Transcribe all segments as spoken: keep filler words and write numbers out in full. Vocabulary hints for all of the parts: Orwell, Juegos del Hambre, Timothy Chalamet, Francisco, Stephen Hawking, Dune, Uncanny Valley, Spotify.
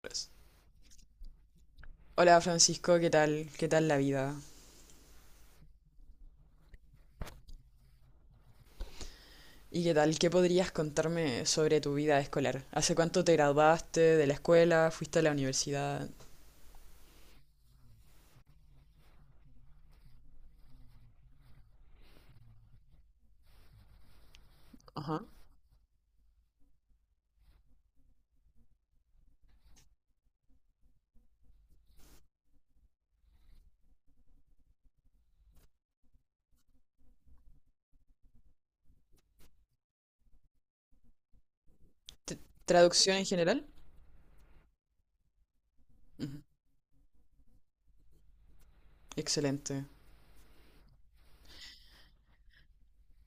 Pues. Hola Francisco, ¿qué tal? ¿Qué tal la vida? ¿Y qué tal? ¿Qué podrías contarme sobre tu vida escolar? ¿Hace cuánto te graduaste de la escuela? ¿Fuiste a la universidad? Ajá. T- ¿Traducción en general? Ujú. Excelente.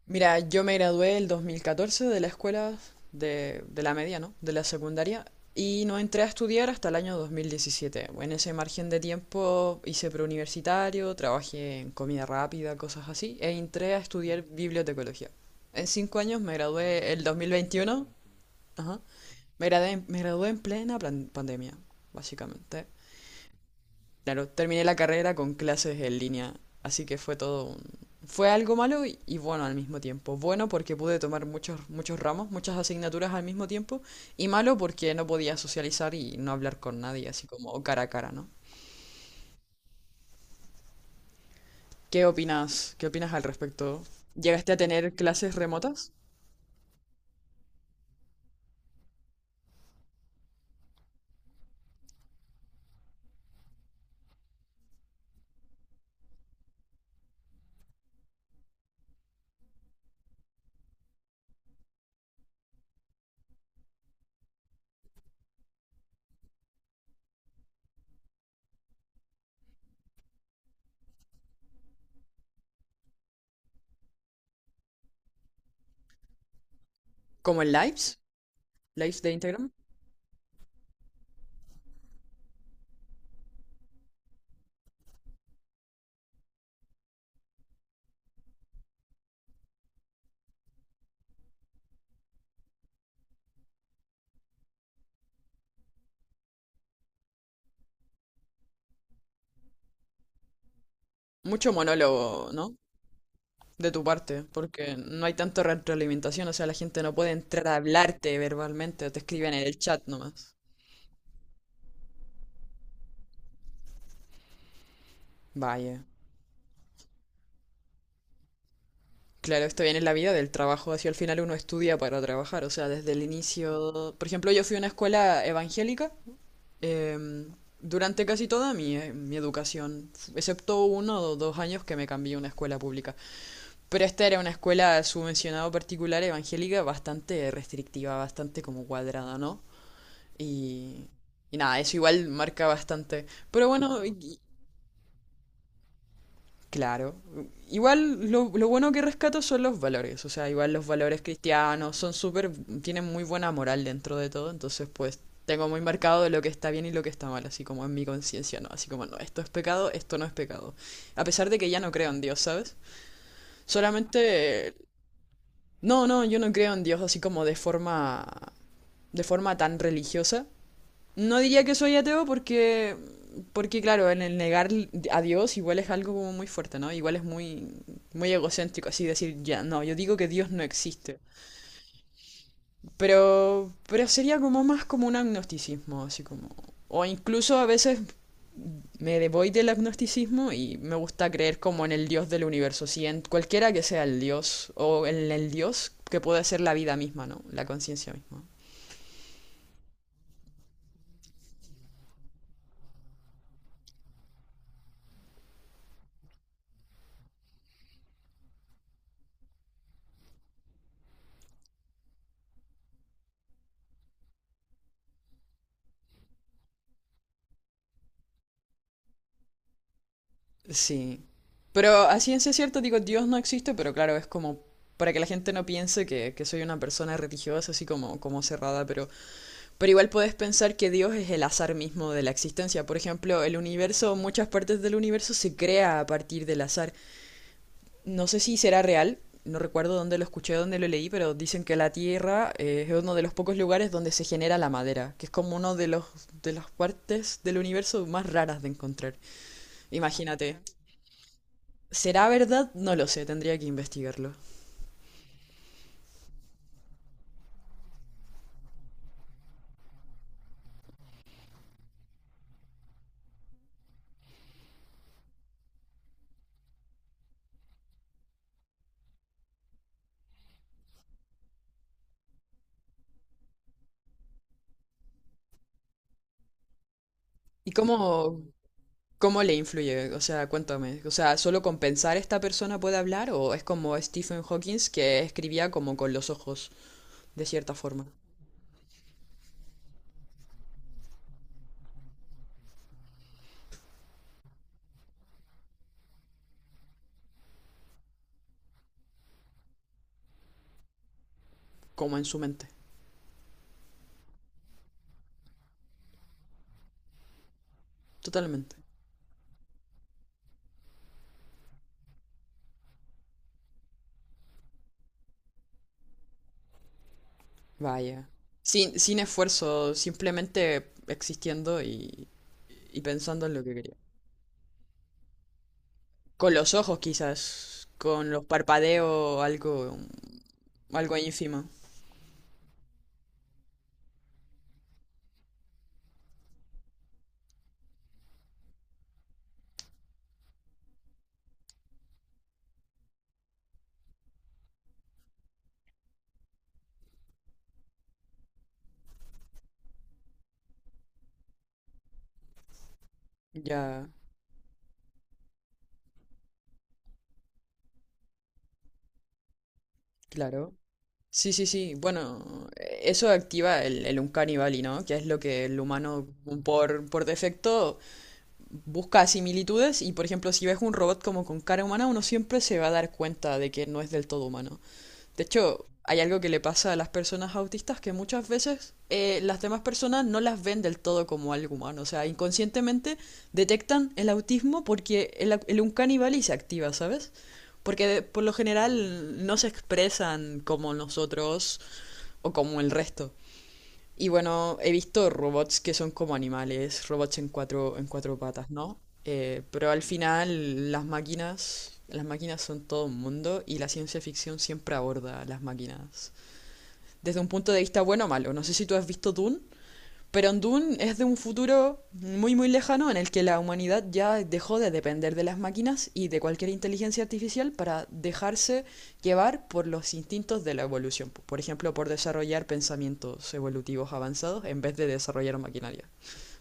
Mira, yo me gradué el dos mil catorce de la escuela de, de la media, ¿no? De la secundaria y no entré a estudiar hasta el año dos mil diecisiete. En ese margen de tiempo hice preuniversitario, trabajé en comida rápida, cosas así, e entré a estudiar bibliotecología. En cinco años me gradué el dos mil veintiuno, ajá, me gradué, en- me gradué en plena plan- pandemia, básicamente. Claro, terminé la carrera con clases en línea, así que fue todo un. Fue algo malo y, y bueno al mismo tiempo. Bueno porque pude tomar muchos, muchos ramos, muchas asignaturas al mismo tiempo, y malo porque no podía socializar y no hablar con nadie, así como cara a cara, ¿no? ¿Qué opinas? ¿Qué opinas al respecto? ¿Llegaste a tener clases remotas? ¿Como en lives? ¿Lives de Instagram? Mucho monólogo, ¿no? De tu parte, porque no hay tanta retroalimentación, o sea, la gente no puede entrar a hablarte verbalmente, te escriben en el chat nomás. Vaya. Claro, esto viene en la vida del trabajo, así al final uno estudia para trabajar, o sea, desde el inicio. Por ejemplo, yo fui a una escuela evangélica em, durante casi toda mi, eh, mi educación, excepto uno o dos años que me cambié a una escuela pública. Pero esta era una escuela subvencionada particular evangélica bastante restrictiva, bastante como cuadrada, ¿no? Y, y nada, eso igual marca bastante. Pero bueno, y- claro. Igual lo, lo bueno que rescato son los valores, o sea, igual los valores cristianos son súper, tienen muy buena moral dentro de todo, entonces pues tengo muy marcado de lo que está bien y lo que está mal, así como en mi conciencia, ¿no? Así como, no, esto es pecado, esto no es pecado. A pesar de que ya no creo en Dios, ¿sabes? Solamente. No, no, yo no creo en Dios así como de forma, de forma tan religiosa. No diría que soy ateo porque, porque claro, en el negar a Dios igual es algo como muy fuerte, ¿no? Igual es muy, muy egocéntrico así decir, ya, no, yo digo que Dios no existe. Pero, pero sería como más como un agnosticismo, así como. O incluso a veces me voy del agnosticismo y me gusta creer como en el Dios del universo, sí, en cualquiera que sea el Dios, o en el Dios que puede ser la vida misma, ¿no? La conciencia misma. Sí. Pero a ciencia cierta digo, Dios no existe, pero claro, es como para que la gente no piense que, que soy una persona religiosa, así como, como cerrada, pero, pero igual puedes pensar que Dios es el azar mismo de la existencia. Por ejemplo, el universo, muchas partes del universo se crea a partir del azar. No sé si será real, no recuerdo dónde lo escuché, dónde lo leí, pero dicen que la Tierra eh, es uno de los pocos lugares donde se genera la madera, que es como uno de los de las partes del universo más raras de encontrar. Imagínate. ¿Será verdad? No lo sé, tendría que investigarlo. ¿Y cómo, cómo le influye? O sea, cuéntame. O sea, ¿solo con pensar esta persona puede hablar? ¿O es como Stephen Hawking que escribía como con los ojos, de cierta forma? Como en su mente. Totalmente. Vaya. Sin, sin esfuerzo, simplemente existiendo y, y pensando en lo que quería. Con los ojos, quizás. Con los parpadeos, algo, algo ínfimo. Ya, claro. Sí, sí, sí. Bueno, eh, eso activa el, el Uncanny Valley, ¿no? Que es lo que el humano por, por defecto busca similitudes y, por ejemplo, si ves un robot como con cara humana, uno siempre se va a dar cuenta de que no es del todo humano. De hecho, hay algo que le pasa a las personas autistas que muchas veces eh, las demás personas no las ven del todo como algo humano. O sea, inconscientemente detectan el autismo porque el, au- el Uncanny Valley se activa, ¿sabes? Porque de- por lo general no se expresan como nosotros o como el resto. Y bueno, he visto robots que son como animales, robots en cuatro, en cuatro patas, ¿no? Eh, pero al final las máquinas, las máquinas son todo un mundo y la ciencia ficción siempre aborda a las máquinas. Desde un punto de vista bueno o malo. No sé si tú has visto Dune. Pero en Dune es de un futuro muy muy lejano en el que la humanidad ya dejó de depender de las máquinas y de cualquier inteligencia artificial para dejarse llevar por los instintos de la evolución. Por ejemplo, por desarrollar pensamientos evolutivos avanzados en vez de desarrollar maquinaria.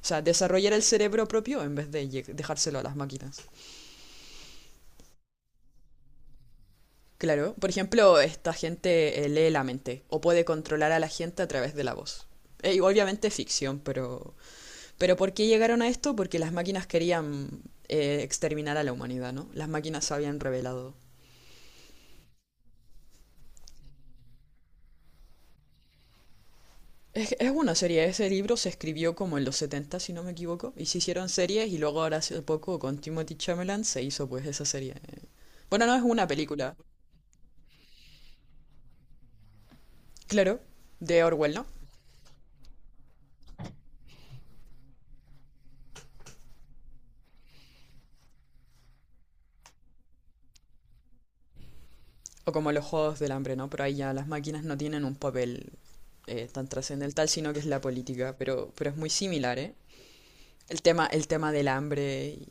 O sea, desarrollar el cerebro propio en vez de lle- dejárselo a las máquinas. Claro, por ejemplo, esta gente eh, lee la mente o puede controlar a la gente a través de la voz. Eh, y obviamente es ficción. Pero Pero ¿por qué llegaron a esto? Porque las máquinas querían eh, exterminar a la humanidad, ¿no? Las máquinas se habían revelado. Es, es una serie, ese libro se escribió como en los setenta, si no me equivoco, y se hicieron series y luego ahora hace poco con Timothy Chalamet se hizo pues esa serie. Bueno, no es una película, claro, de Orwell, ¿no? O como los Juegos del Hambre, ¿no? Pero ahí ya las máquinas no tienen un papel eh, tan trascendental, sino que es la política, pero, pero es muy similar, ¿eh? El tema, el tema del hambre y,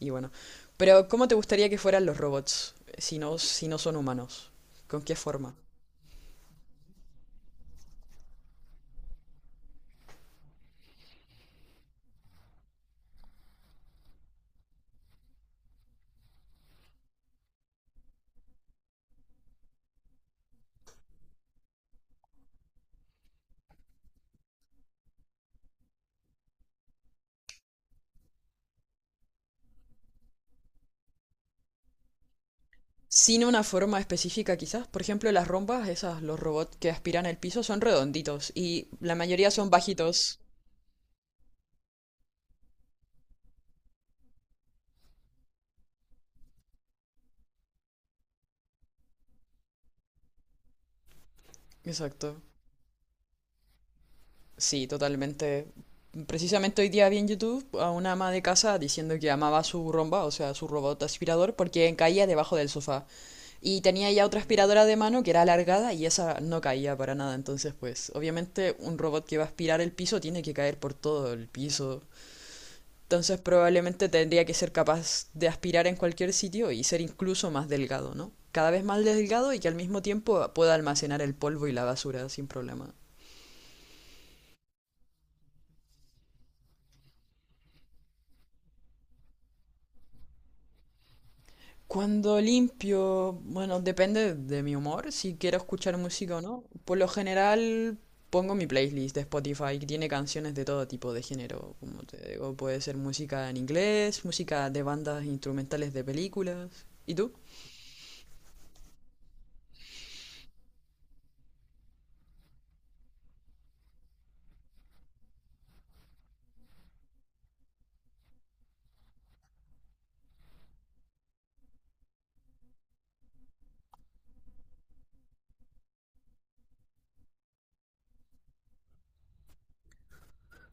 Y bueno. Pero, ¿cómo te gustaría que fueran los robots? Si no, si no, son humanos. ¿Con qué forma? Sin una forma específica, quizás. Por ejemplo, las rombas, esas, los robots que aspiran el piso, son redonditos. Y la mayoría son bajitos. Exacto. Sí, totalmente. Precisamente hoy día vi en YouTube a una ama de casa diciendo que amaba su romba, o sea, su robot aspirador, porque caía debajo del sofá. Y tenía ya otra aspiradora de mano que era alargada y esa no caía para nada. Entonces, pues, obviamente un robot que va a aspirar el piso tiene que caer por todo el piso. Entonces, probablemente tendría que ser capaz de aspirar en cualquier sitio y ser incluso más delgado, ¿no? Cada vez más delgado y que al mismo tiempo pueda almacenar el polvo y la basura sin problema. Cuando limpio, bueno, depende de mi humor, si quiero escuchar música o no. Por lo general pongo mi playlist de Spotify que tiene canciones de todo tipo de género, como te digo, puede ser música en inglés, música de bandas instrumentales de películas. ¿Y tú?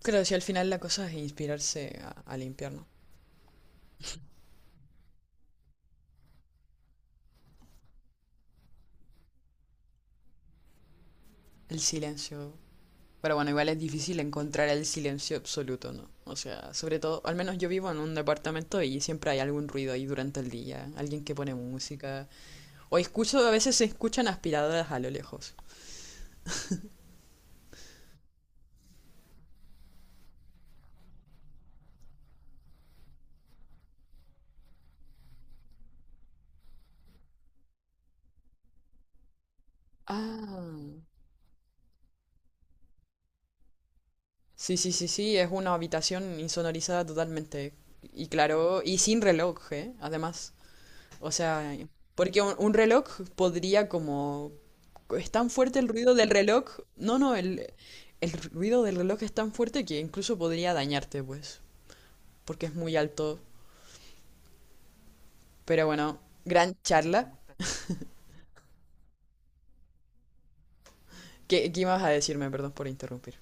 Creo que si al final la cosa es inspirarse a, a limpiar, ¿no? El silencio. Pero bueno, igual es difícil encontrar el silencio absoluto, ¿no? O sea, sobre todo, al menos yo vivo en un departamento y siempre hay algún ruido ahí durante el día, alguien que pone música. O escucho, a veces se escuchan aspiradoras a lo lejos. Ah, sí, sí, sí, sí, es una habitación insonorizada totalmente. Y claro, y sin reloj, ¿eh? Además. O sea, porque un, un reloj podría como. Es tan fuerte el ruido del reloj. No, no, el, el ruido del reloj es tan fuerte que incluso podría dañarte, pues. Porque es muy alto. Pero bueno, gran charla. ¿Qué, qué ibas a decirme? Perdón por interrumpir.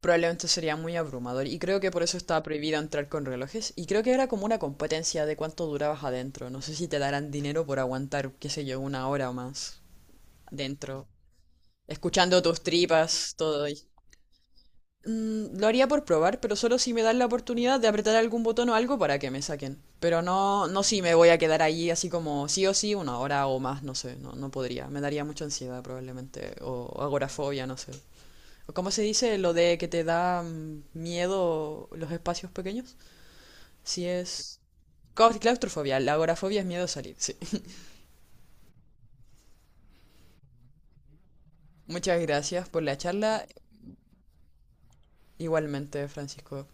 Probablemente sería muy abrumador y creo que por eso estaba prohibido entrar con relojes y creo que era como una competencia de cuánto durabas adentro. No sé si te darán dinero por aguantar, qué sé yo, una hora o más adentro, escuchando tus tripas, todo. y- Mm, lo haría por probar, pero solo si me dan la oportunidad de apretar algún botón o algo para que me saquen. Pero no, no si me voy a quedar ahí así como sí o sí una hora o más, no sé, no, no podría. Me daría mucha ansiedad probablemente o agorafobia, no sé. ¿Cómo se dice lo de que te da mm, miedo los espacios pequeños? Si es. cau- Claustrofobia, la agorafobia es miedo a salir, sí. Muchas gracias por la charla. Igualmente, Francisco.